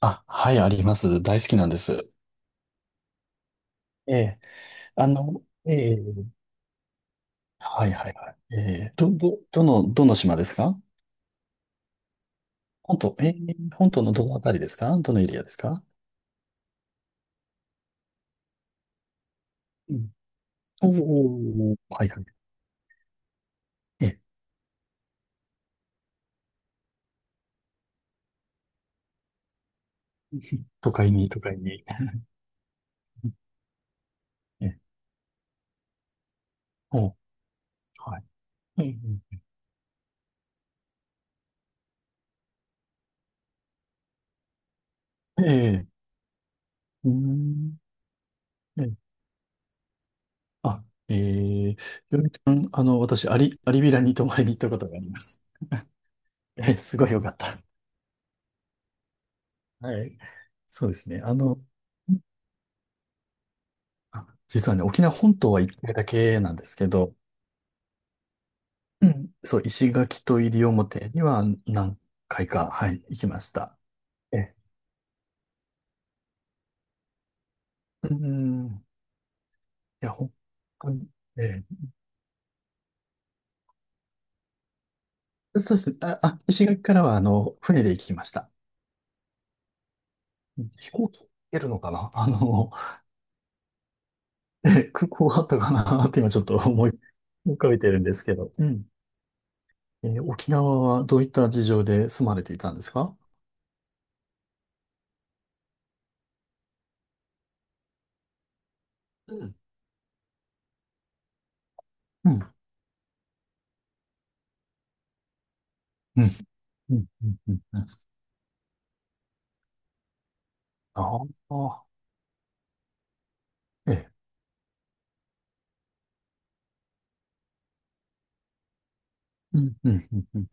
あ、はい、あります。大好きなんです。ええ、ええ、はいはいはい。ええ、どの島ですか？本島、ええ、本島のどのあたりですか？どのエリアですか？うん。おお、はいはい。ええ、都会に、都会に。ええ、おう、はい。うんうん。ええ、うーん、ええ、あ、ええ、よりくん、私、アリビラに泊まりに行ったことがあります。ええ、すごいよかった。はい。そうですね。あ、実はね、沖縄本島は一回だけなんですけど、うん。そう、石垣と西表には何回か、はい、行きました。ええ、うん。いや、本当に、ええ、そうですね。あ、あ、石垣からは、船で行きました。飛行機行けるのかな？ ええ、空港あったかなって今ちょっと思い浮かべてるんですけど。うん。ええ、沖縄はどういった事情で住まれていたんですか？うん。うん。うん。うん。うん。うん。ああ。ええ。うん、うん、うんうん。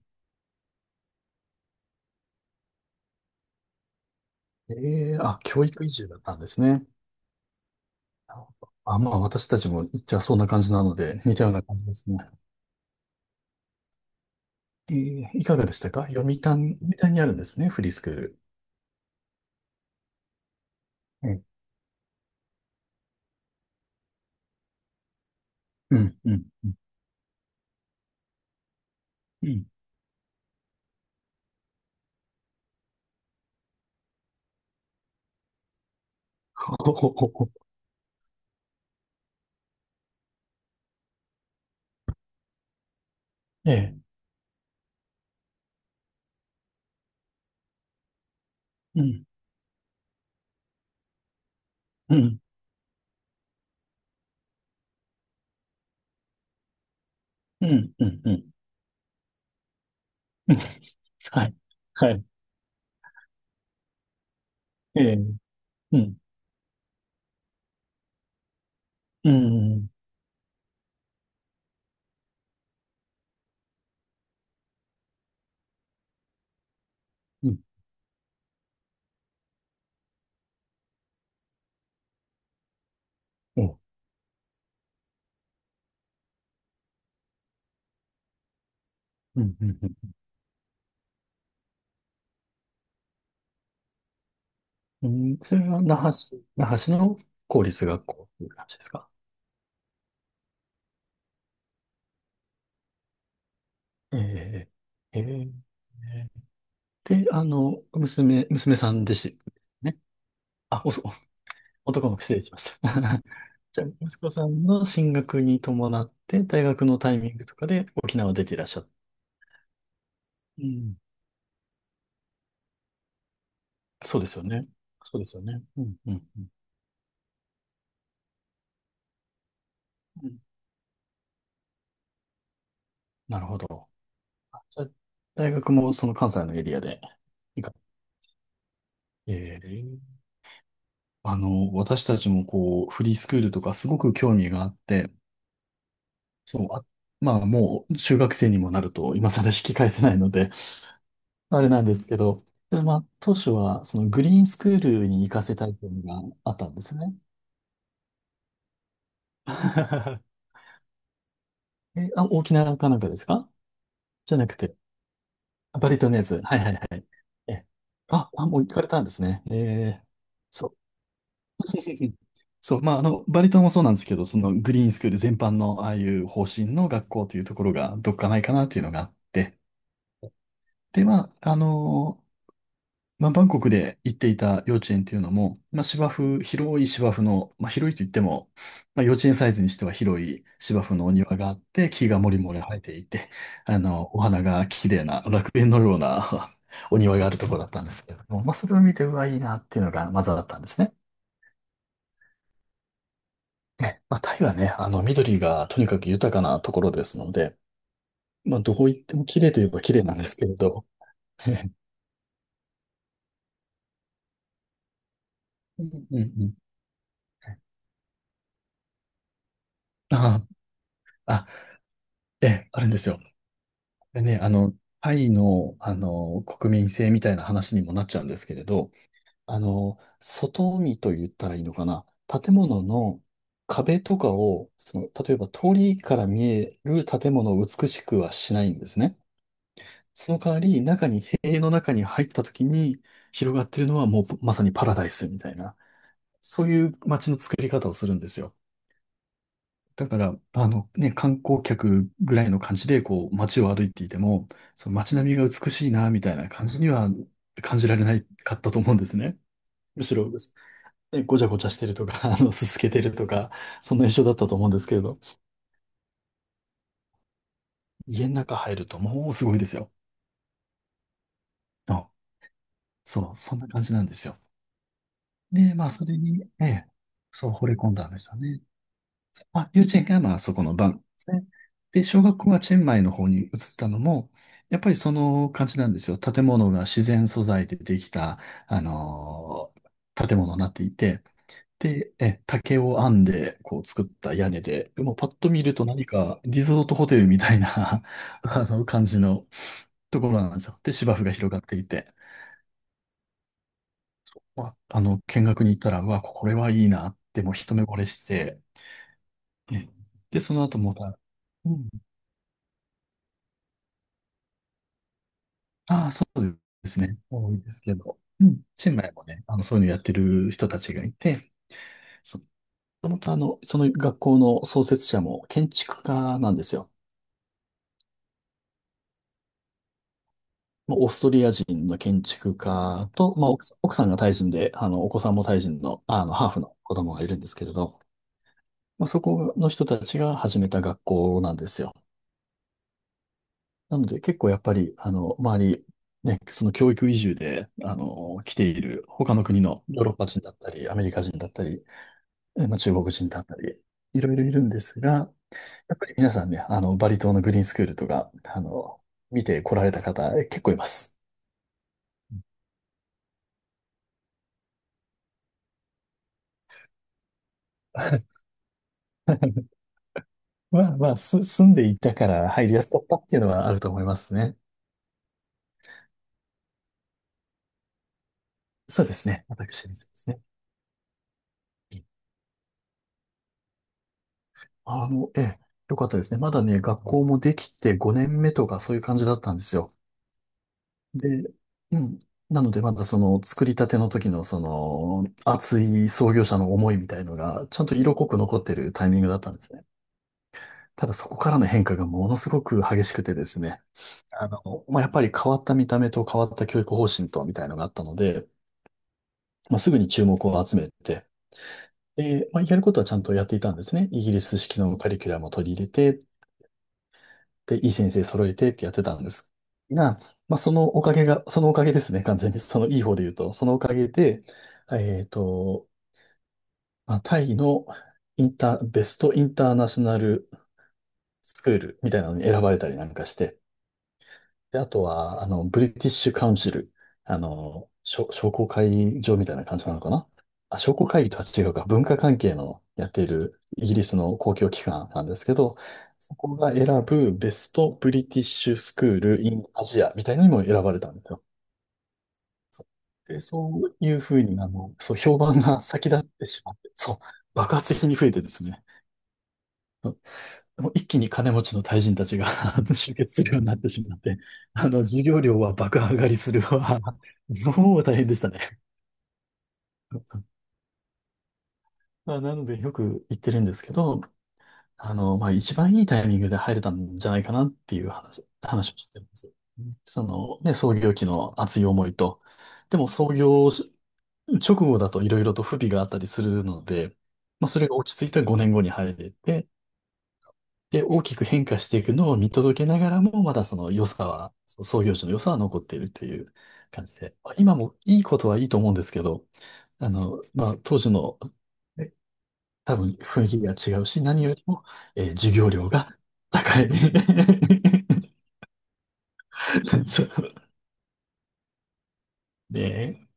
ええ、あ、教育移住だったんですね。なるほど。あ、まあ、私たちも、じゃあそんな感じなので、似たような感じですね。ええ、いかがでしたか？読谷、読谷にあるんですね、フリースクール。ええ、うん、うん、うん。ほほほほ。ええ、うん、うん、うん、うん、うん。うん。 はい、はい、ええ、うん、うん、うん、うん、うん、うん。うん、それは那覇市、那覇市の公立学校という感じですか？ええ、ええ、ええ、で、娘、娘さんでし、ね。あ、おそ、男の子、失礼しました。じゃあ、息子さんの進学に伴って、大学のタイミングとかで沖縄出ていらっしゃった。うん。そうですよね。そうですよね。うん、うん、うん。うん。なるほど。あ、じゃあ、大学もその関西のエリアで。行か、えー私たちもこう、フリースクールとかすごく興味があって、そう、あ、まあもう中学生にもなると今更引き返せないのであれなんですけど、でまあ、当初はそのグリーンスクールに行かせたいというのがあったんですね。え、あ、沖縄かなんかですか？じゃなくて、あ、バリ島のやつ。はいはいはい。え、あ、あ、もう行かれたんですね。えー、そう。そう、まあ、バリ島もそうなんですけど、そのグリーンスクール全般のああいう方針の学校というところがどっかないかなというのがあって、で、まあ、まあ、バンコクで行っていた幼稚園っていうのも、まあ、芝生、広い芝生の、まあ、広いと言っても、まあ、幼稚園サイズにしては広い芝生のお庭があって、木がもりもり生えていて、お花が綺麗な楽園のような お庭があるところだったんですけれども、まあ、それを見て、うわ、いいなっていうのがまずあったんですね。え、まあ、タイはね、緑がとにかく豊かなところですので、まあ、どこ行っても綺麗といえば綺麗なんですけれど、うんうんうん。ああ、あ、ええ、あるんですよ。でね、タイの、国民性みたいな話にもなっちゃうんですけれど、外見と言ったらいいのかな。建物の壁とかを、その、例えば通りから見える建物を美しくはしないんですね。その代わり、中に、塀の中に入った時に広がってるのはもうまさにパラダイスみたいな、そういう街の作り方をするんですよ。だから、あのね、観光客ぐらいの感じで、こう、街を歩いていても、その街並みが美しいな、みたいな感じには感じられないかったと思うんですね。むしろ、ね、ごちゃごちゃしてるとか、すすけてるとか、そんな印象だったと思うんですけれど、家の中入るともうすごいですよ。あ、そう、そんな感じなんですよ。で、まあ、それに、ええ、そう、惚れ込んだんですよね。あ、幼稚園がまあそこのバンコクですね。で、小学校はチェンマイの方に移ったのも、やっぱりその感じなんですよ。建物が自然素材でできた、あのー建物になっていて、で、え、竹を編んで、こう作った屋根で、もうパッと見ると何かリゾートホテルみたいな あの感じのところなんですよ。で、芝生が広がっていて、まあ、見学に行ったら、うわ、これはいいなって、もう一目惚れして、え、で、その後また、うん、ああ、そうですね。多いですけど。うん。チェンマイもね、そういうのやってる人たちがいて、そ、もともと、あの、その学校の創設者も建築家なんですよ。まあオーストリア人の建築家と、まあ、奥さんがタイ人で、お子さんもタイ人の、ハーフの子供がいるんですけれど、まあ、そこの人たちが始めた学校なんですよ。なので、結構やっぱり、周り、ね、その教育移住で、来ている他の国のヨーロッパ人だったり、アメリカ人だったり、え、まあ、中国人だったり、いろいろいるんですが、やっぱり皆さんね、バリ島のグリーンスクールとか、見て来られた方、え、結構います。まあまあ、住んでいたから入りやすかったっていうのはあると思いますね。そうですね。私立ですね。ええ、よかったですね。まだね、学校もできて5年目とかそういう感じだったんですよ。で、うん。なので、まだその作りたての時のその熱い創業者の思いみたいのが、ちゃんと色濃く残ってるタイミングだったんですね。ただそこからの変化がものすごく激しくてですね、まあ、やっぱり変わった見た目と変わった教育方針とみたいのがあったので、まあ、すぐに注目を集めて、で、まあ、やることはちゃんとやっていたんですね。イギリス式のカリキュラムを取り入れて、で、いい先生揃えてってやってたんですが、まあ、そのおかげが、そのおかげですね、完全に。そのいい方で言うと、そのおかげで、えっと、まあ、タイのインター、ベストインターナショナルスクールみたいなのに選ばれたりなんかして、で、あとは、ブリティッシュカウンシル。商工会議場みたいな感じなのかな。あ、商工会議とは違うか。文化関係のやっているイギリスの公共機関なんですけど、そこが選ぶベストブリティッシュスクール・イン・アジアみたいなのにも選ばれたんですよ。で、そういうふうに、そう、評判が先立ってしまって、そう、爆発的に増えてですね。もう一気に金持ちの大臣たちが 集結するようになってしまって、授業料は爆上がりするわ。もう大変でしたね。まあ、なのでよく言ってるんですけど、まあ、一番いいタイミングで入れたんじゃないかなっていう話をしてます。その、ね、創業期の熱い思いと、でも創業し直後だといろいろと不備があったりするので、まあ、それが落ち着いた5年後に入れて、で、大きく変化していくのを見届けながらも、まだその良さは、その創業時の良さは残っているという感じで、まあ今もいいことはいいと思うんですけど、まあ、当時の、え、多分雰囲気が違うし、何よりも、授業料が高い。そうねえ